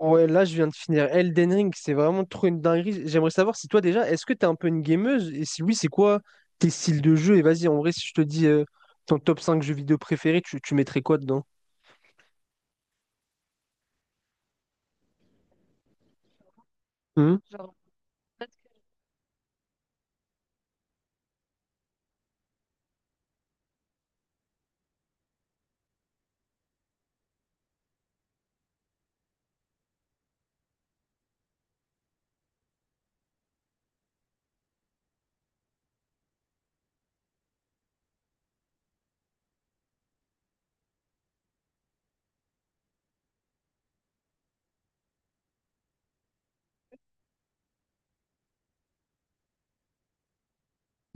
Ouais, là, je viens de finir Elden Ring, c'est vraiment trop une dinguerie. J'aimerais savoir si toi déjà, est-ce que t'es un peu une gameuse? Et si oui, c'est quoi tes styles de jeu? Et vas-y, en vrai, si je te dis ton top 5 jeux vidéo préférés, tu mettrais quoi dedans? Hmm. Genre, en fait,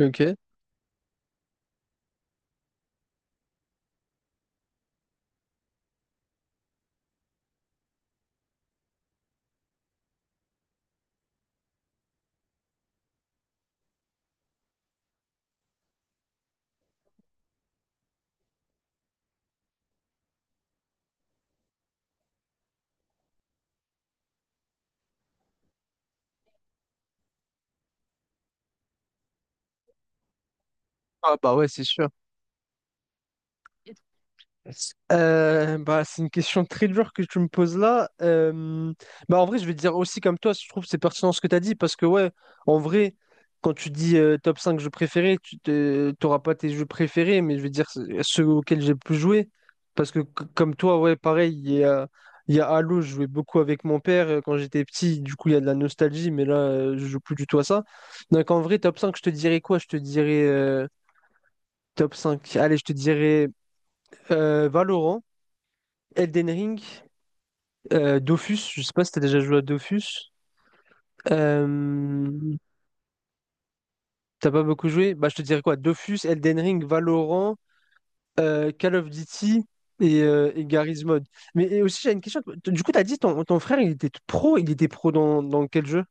ok. Ah bah ouais, c'est sûr. Bah, c'est une question très dure que tu me poses là. Bah, en vrai, je vais te dire aussi comme toi, je trouve que c'est pertinent ce que tu as dit parce que, ouais, en vrai, quand tu dis top 5 jeux préférés, tu n'auras pas tes jeux préférés, mais je vais dire ceux auxquels j'ai le plus joué. Parce que, comme toi, ouais, pareil, il y a Halo, je jouais beaucoup avec mon père quand j'étais petit, du coup, il y a de la nostalgie, mais là, je joue plus du tout à ça. Donc, en vrai, top 5 je te dirais quoi? Je te dirais top cinq. Allez, je te dirais Valorant. Elden Ring, Dofus, je sais pas si t'as déjà joué à Dofus. Euh, T'as pas beaucoup joué? Bah je te dirais quoi? Dofus, Elden Ring, Valorant, Call of Duty et Garry's Mod. Mais et aussi j'ai une question. Du coup t'as dit ton frère il était pro dans quel jeu?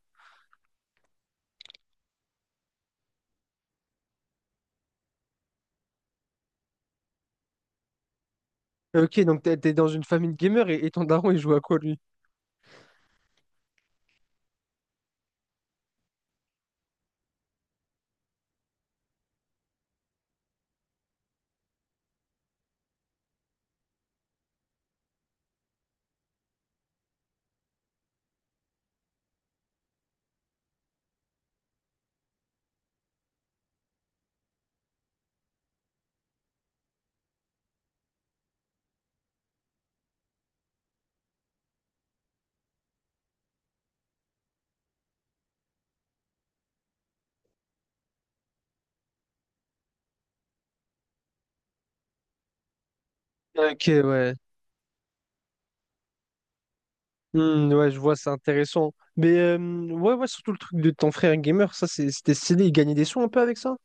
Ok, donc t'es dans une famille de gamers et ton daron il joue à quoi lui? Ok, ouais. Hmm, ouais, je vois, c'est intéressant. Mais ouais, surtout le truc de ton frère gamer, c'était stylé, il gagnait des sous un peu avec ça?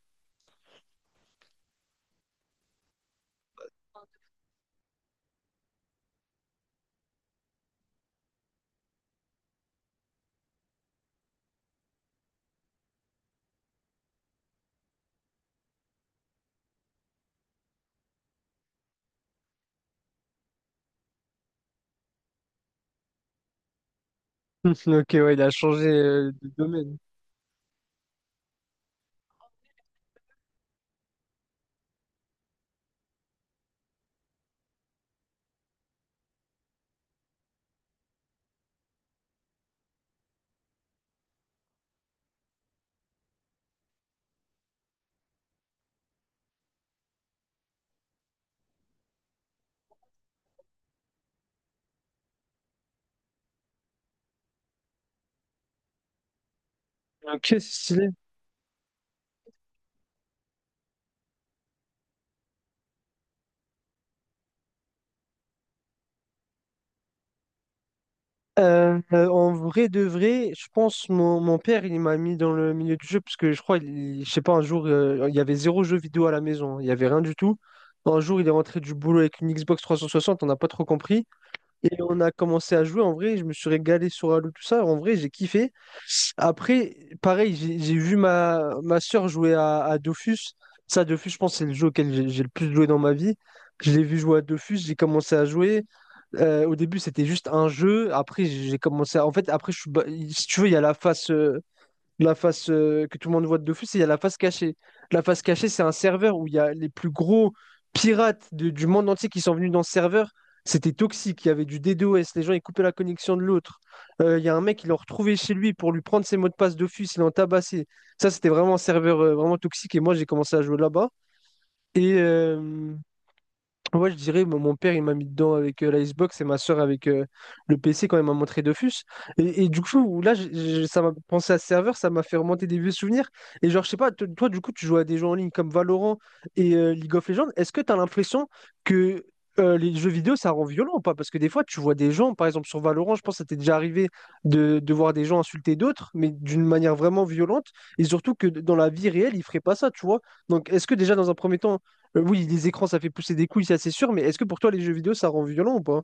Ok, ouais, il a changé de domaine. Ok, c'est stylé. En vrai de vrai, je pense mon père il m'a mis dans le milieu du jeu parce que je crois, je sais pas, un jour il y avait zéro jeu vidéo à la maison, hein. Il y avait rien du tout. Un jour il est rentré du boulot avec une Xbox 360, on n'a pas trop compris et on a commencé à jouer. En vrai, je me suis régalé sur Halo tout ça. En vrai, j'ai kiffé. Après, pareil, j'ai vu ma soeur jouer à Dofus. Ça, Dofus, je pense, c'est le jeu auquel j'ai le plus joué dans ma vie. Je l'ai vu jouer à Dofus, j'ai commencé à jouer. Au début, c'était juste un jeu. Après, j'ai commencé à... En fait, après, si tu veux, il y a la phase, la face que tout le monde voit de d'office, il y a la face cachée. La face cachée, c'est un serveur où il y a les plus gros pirates du monde entier qui sont venus dans ce serveur. C'était toxique, il y avait du DDoS, les gens ils coupaient la connexion de l'autre. Il y a un mec, ils l'ont retrouvé chez lui pour lui prendre ses mots de passe d'office, ils l'ont tabassé. Ça, c'était vraiment un serveur vraiment toxique et moi j'ai commencé à jouer là-bas. Et, euh, Moi je dirais, mon père, il m'a mis dedans avec la Xbox et ma soeur avec le PC quand elle m'a montré Dofus. Et du coup, là, ça m'a pensé à ce serveur, ça m'a fait remonter des vieux souvenirs. Et genre, je sais pas, toi, du coup, tu joues à des jeux en ligne comme Valorant et League of Legends. Est-ce que tu as l'impression que les jeux vidéo, ça rend violent ou pas? Parce que des fois, tu vois des gens, par exemple, sur Valorant, je pense que ça t'est déjà arrivé de voir des gens insulter d'autres, mais d'une manière vraiment violente. Et surtout que dans la vie réelle, ils feraient pas ça, tu vois. Donc, est-ce que déjà, dans un premier temps, oui, les écrans, ça fait pousser des couilles, ça c'est sûr, mais est-ce que pour toi, les jeux vidéo, ça rend violent ou pas?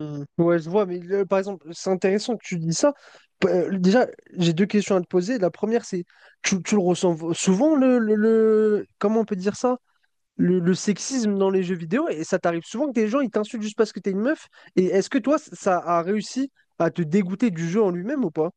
Hmm. Ouais, je vois, mais par exemple, c'est intéressant que tu dis ça. Déjà, j'ai deux questions à te poser. La première, c'est, tu le ressens souvent, comment on peut dire ça? Le sexisme dans les jeux vidéo, et ça t'arrive souvent que des gens, ils t'insultent juste parce que t'es une meuf, et est-ce que toi, ça a réussi à te dégoûter du jeu en lui-même ou pas?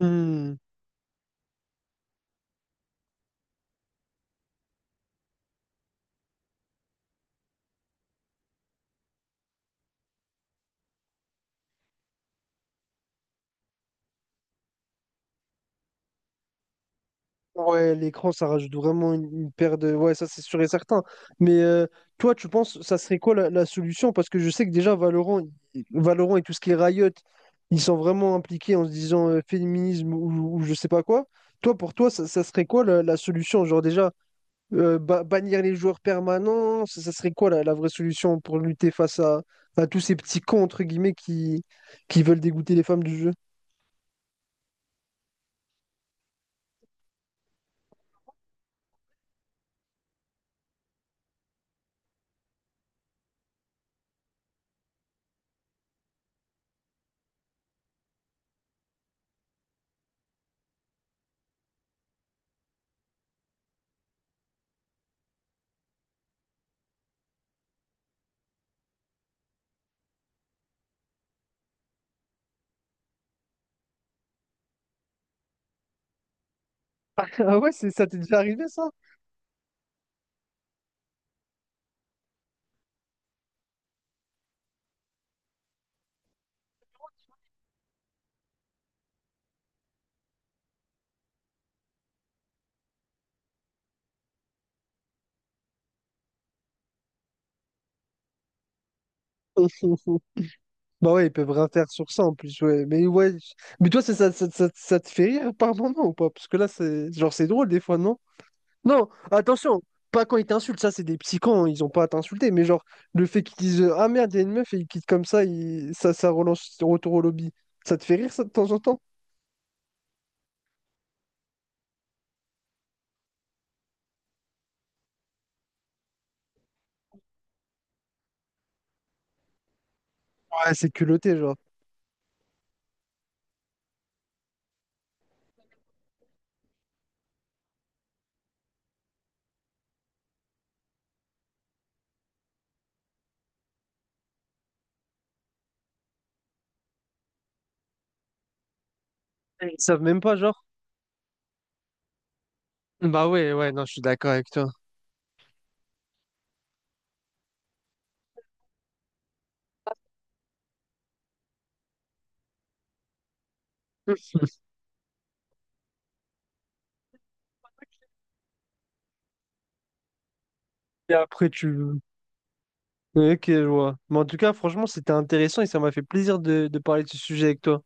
Hmm. Ouais, l'écran, ça rajoute vraiment une paire de... Ouais, ça c'est sûr et certain. Mais toi, tu penses, ça serait quoi la solution? Parce que je sais que déjà, Valorant, Valorant et tout ce qui est Riot, ils sont vraiment impliqués en se disant féminisme ou je sais pas quoi. Toi, pour toi, ça serait quoi la solution? Genre déjà, bannir les joueurs permanents, ça serait quoi la vraie solution pour lutter face à tous ces petits cons, entre guillemets, qui veulent dégoûter les femmes du jeu? Ah ouais, c'est, ça t'est déjà arrivé, ça? Bah ouais, ils peuvent rien faire sur ça en plus, ouais. Mais ouais. Mais toi, ça te fait rire par moment ou pas? Parce que là, c'est genre c'est drôle des fois, non? Non, attention, pas quand ils t'insultent, ça c'est des petits cons, ils ont pas à t'insulter, mais genre le fait qu'ils disent ah merde, il y a une meuf et ils quittent comme ça, ça, ça relance retour au lobby. Ça te fait rire ça de temps en temps? Ouais, c'est culotté, genre. Ils savent même pas, genre. Bah ouais, ouais, non, je suis d'accord avec toi. Et après, tu... Ok, je vois. Mais en tout cas, franchement, c'était intéressant et ça m'a fait plaisir de parler de ce sujet avec toi.